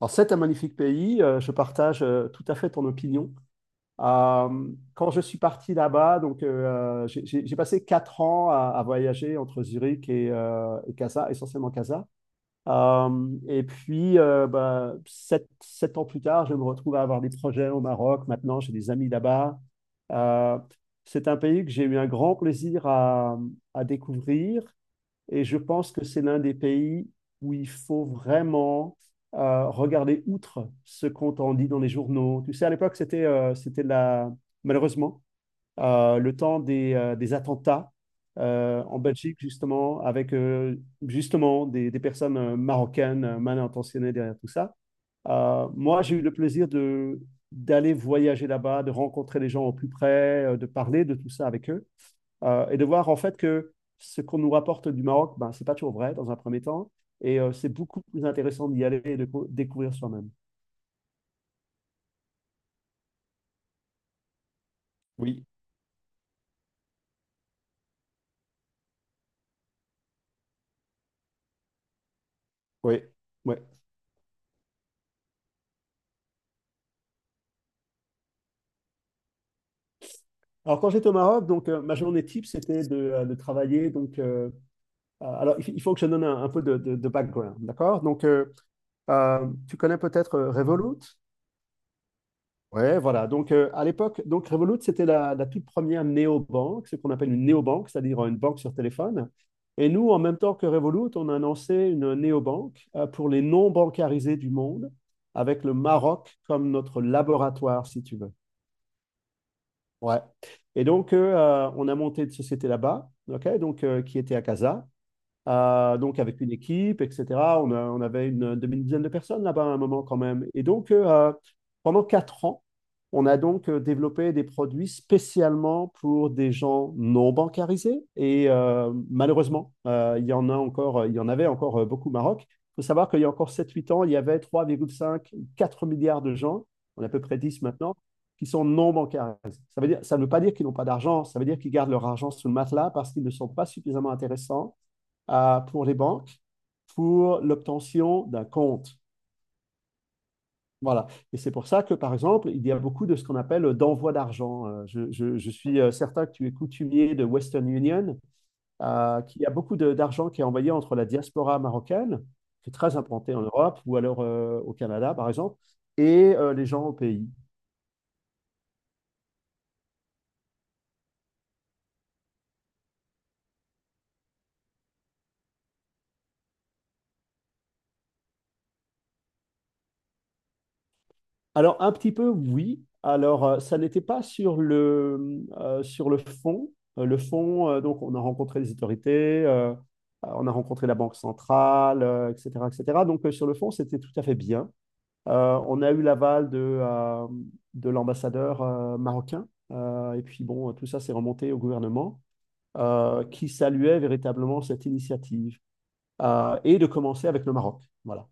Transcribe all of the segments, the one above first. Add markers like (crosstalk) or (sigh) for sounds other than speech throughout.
Alors, c'est un magnifique pays, je partage tout à fait ton opinion. Euh, quand je suis parti là-bas, j'ai passé 4 ans à voyager entre Zurich et Casa, essentiellement Casa. Et puis, 7 ans plus tard, je me retrouve à avoir des projets au Maroc. Maintenant, j'ai des amis là-bas. Euh, c'est un pays que j'ai eu un grand plaisir à découvrir. Et je pense que c'est l'un des pays où il faut vraiment regarder outre ce qu'on t'en dit dans les journaux. Tu sais, à l'époque, c'était la... malheureusement le temps des attentats en Belgique, justement, avec justement des personnes marocaines mal intentionnées derrière tout ça. Moi, j'ai eu le plaisir de d'aller voyager là-bas, de rencontrer les gens au plus près, de parler de tout ça avec eux et de voir en fait que ce qu'on nous rapporte du Maroc, ben, ce n'est pas toujours vrai dans un premier temps. C'est beaucoup plus intéressant d'y aller et de découvrir soi-même. Oui, oui, oui. Alors, quand j'étais au Maroc, ma journée type, c'était de, travailler. Il faut que je donne un peu de background, d'accord. Tu connais peut-être Revolut. Ouais, voilà. À l'époque, donc Revolut, c'était la, la toute première néobanque, ce qu'on appelle une néobanque, c'est-à-dire une banque sur téléphone. Et nous, en même temps que Revolut, on a lancé une néobanque pour les non-bancarisés du monde, avec le Maroc comme notre laboratoire, si tu veux. Ouais. On a monté une société là-bas, ok, qui était à Casa, donc avec une équipe, etc. On avait une demi-dizaine de personnes là-bas à un moment quand même. Pendant 4 ans, on a développé des produits spécialement pour des gens non bancarisés. Malheureusement, il y en a encore, il y en avait encore beaucoup au Maroc. Il faut savoir qu'il y a encore 7-8 ans, il y avait 3,5, 4 milliards de gens, on est à peu près 10 maintenant, qui sont non bancarisés. Ça veut dire, ça ne veut pas dire qu'ils n'ont pas d'argent, ça veut dire qu'ils gardent leur argent sous le matelas parce qu'ils ne sont pas suffisamment intéressants pour les banques pour l'obtention d'un compte. Voilà. Et c'est pour ça que, par exemple, il y a beaucoup de ce qu'on appelle d'envoi d'argent. Je, je suis certain que tu es coutumier de Western Union, qu'il y a beaucoup d'argent qui est envoyé entre la diaspora marocaine, qui est très implantée en Europe, ou alors au Canada, par exemple, et les gens au pays. Alors, un petit peu, oui. Alors, ça n'était pas sur le, sur le fond. Le fond, donc, on a rencontré les autorités, on a rencontré la Banque centrale, etc., etc. Donc, sur le fond, c'était tout à fait bien. On a eu l'aval de l'ambassadeur marocain. Et puis, bon, tout ça s'est remonté au gouvernement, qui saluait véritablement cette initiative et de commencer avec le Maroc. Voilà.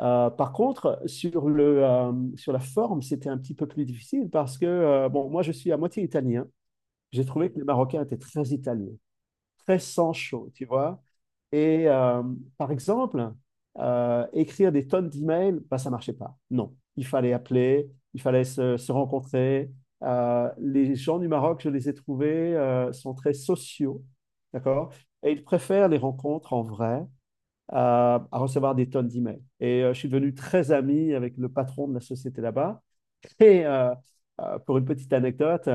Par contre, sur, le, sur la forme, c'était un petit peu plus difficile parce que, bon, moi, je suis à moitié italien. J'ai trouvé que les Marocains étaient très italiens, très sans chaud, tu vois. Et euh, Par exemple, écrire des tonnes d'emails, bah, ça marchait pas. Non, il fallait appeler, il fallait se, se rencontrer. Les gens du Maroc, je les ai trouvés, sont très sociaux, d'accord? Et ils préfèrent les rencontres en vrai à recevoir des tonnes d'emails. Je suis devenu très ami avec le patron de la société là-bas. (laughs) Et euh, pour une petite anecdote,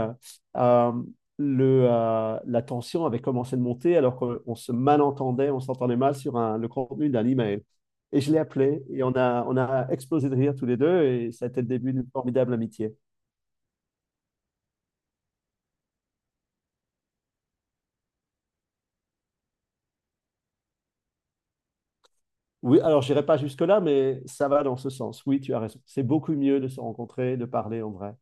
euh, le, la tension avait commencé de monter alors qu'on se malentendait, on s'entendait mal sur le contenu d'un email. Et je l'ai appelé et on a explosé de rire tous les deux et ça a été le début d'une formidable amitié. Oui, alors je n'irai pas jusque-là, mais ça va dans ce sens. Oui, tu as raison. C'est beaucoup mieux de se rencontrer, de parler en vrai.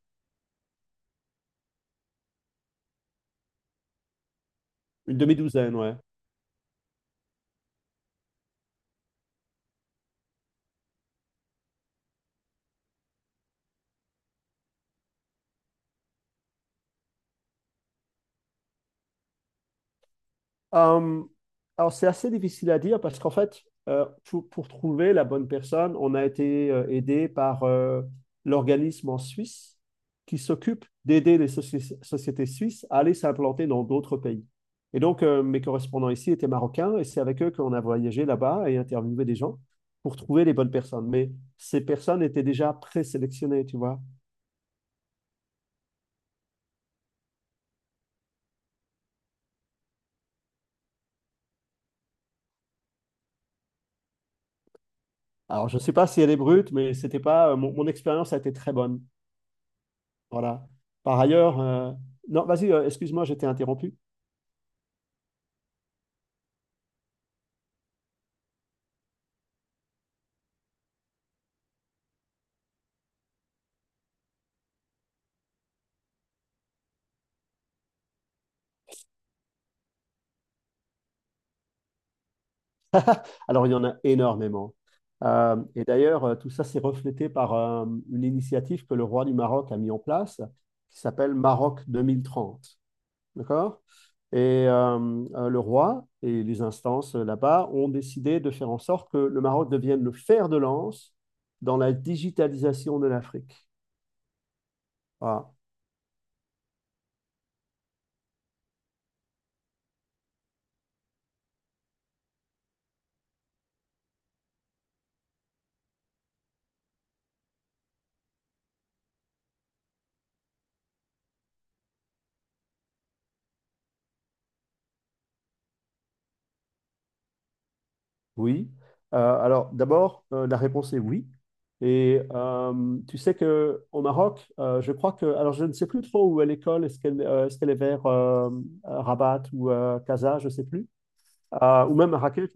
Une demi-douzaine, ouais. Euh, alors, c'est assez difficile à dire parce qu'en fait, pour trouver la bonne personne, on a été aidé par l'organisme en Suisse qui s'occupe d'aider les sociétés suisses à aller s'implanter dans d'autres pays. Mes correspondants ici étaient marocains et c'est avec eux qu'on a voyagé là-bas et interviewé des gens pour trouver les bonnes personnes. Mais ces personnes étaient déjà présélectionnées, tu vois. Alors, je ne sais pas si elle est brute, mais c'était pas, mon expérience a été très bonne. Voilà. Par ailleurs, non, vas-y, excuse-moi, j'étais interrompu. Alors, il y en a énormément. Et d'ailleurs, tout ça s'est reflété par une initiative que le roi du Maroc a mis en place, qui s'appelle Maroc 2030. D'accord? Et euh, le roi et les instances là-bas ont décidé de faire en sorte que le Maroc devienne le fer de lance dans la digitalisation de l'Afrique. Voilà. Oui. Alors, d'abord, la réponse est oui. Tu sais que au Maroc, je crois que, alors je ne sais plus trop où est l'école. Est-ce qu'elle est-ce qu'elle est vers Rabat ou Casa, je ne sais plus. Ou même Raquel.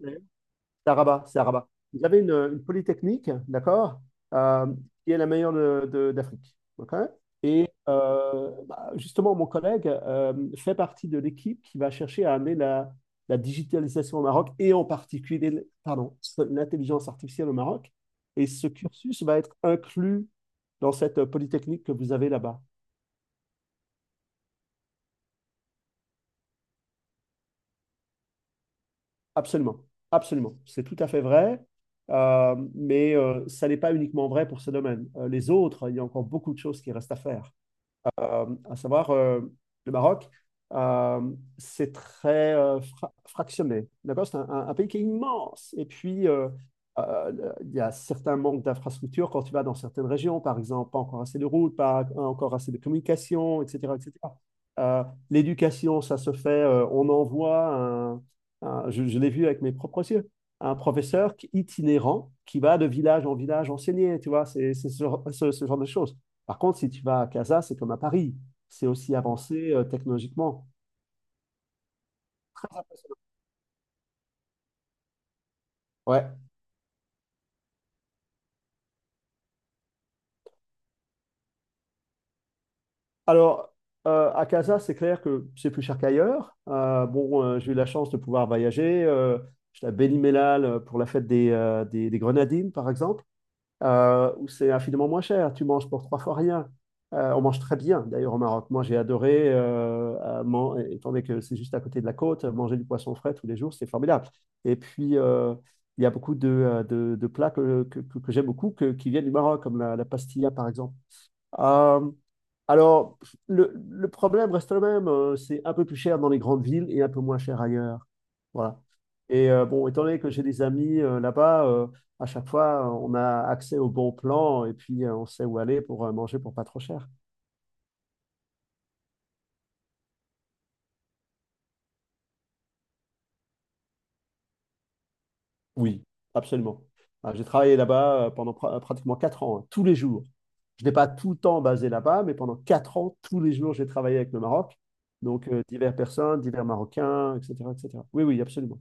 C'est à Rabat, c'est à Rabat. Vous avez une polytechnique, d'accord, euh, qui est la meilleure d'Afrique. Ok. Justement, mon collègue fait partie de l'équipe qui va chercher à amener la, la digitalisation au Maroc et en particulier, pardon, l'intelligence artificielle au Maroc. Et ce cursus va être inclus dans cette polytechnique que vous avez là-bas. Absolument, absolument. C'est tout à fait vrai, mais ça n'est pas uniquement vrai pour ce domaine. Les autres, il y a encore beaucoup de choses qui restent à faire à savoir le Maroc, euh, c'est très fractionné. D'accord? C'est un pays qui est immense. Et puis, euh, il y a certains manques d'infrastructures quand tu vas dans certaines régions, par exemple, pas encore assez de routes, pas encore assez de communications, etc., etc. Euh, L'éducation, ça se fait, on envoie, un je l'ai vu avec mes propres yeux, un professeur itinérant qui va de village en village enseigner, tu vois, c'est ce genre de choses. Par contre, si tu vas à Casa, c'est comme à Paris. C'est aussi avancé technologiquement. Très impressionnant. Ouais. Alors, à Casa, c'est clair que c'est plus cher qu'ailleurs. Bon, j'ai eu la chance de pouvoir voyager. J'étais à Béni Mellal pour la fête des, des Grenadines, par exemple. Où c'est infiniment moins cher. Tu manges pour trois fois rien. On mange très bien, d'ailleurs, au Maroc. Moi, j'ai adoré, étant donné que c'est juste à côté de la côte, manger du poisson frais tous les jours, c'est formidable. Et puis, il y a beaucoup de, de plats que j'aime beaucoup qui viennent du Maroc, comme la pastilla, par exemple. Euh, alors, le problème reste le même, c'est un peu plus cher dans les grandes villes et un peu moins cher ailleurs. Voilà. Bon, étant donné que j'ai des amis là-bas, à chaque fois, on a accès aux bons plans et puis on sait où aller pour manger pour pas trop cher. Oui, absolument. Ah, j'ai travaillé là-bas pendant pratiquement 4 ans, hein, tous les jours. Je n'ai pas tout le temps basé là-bas, mais pendant 4 ans, tous les jours, j'ai travaillé avec le Maroc. Donc, diverses personnes, divers Marocains, etc., etc. Oui, oui, absolument.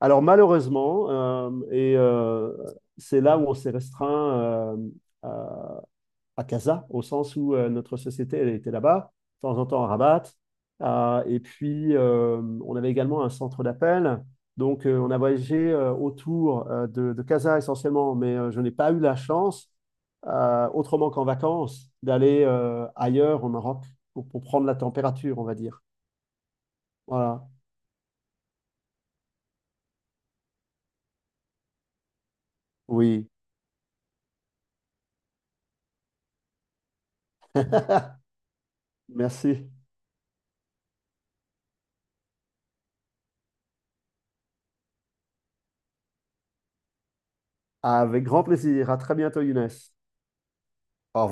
Alors malheureusement, c'est là où on s'est restreint à, à Casa, au sens où notre société elle était là-bas, de temps en temps à Rabat. Ah, et puis, on avait également un centre d'appel. Donc, on a voyagé autour de Casa essentiellement, mais je n'ai pas eu la chance, autrement qu'en vacances, d'aller ailleurs au Maroc pour prendre la température, on va dire. Voilà. Oui. (laughs) Merci. Avec grand plaisir. À très bientôt, Younes. Au revoir.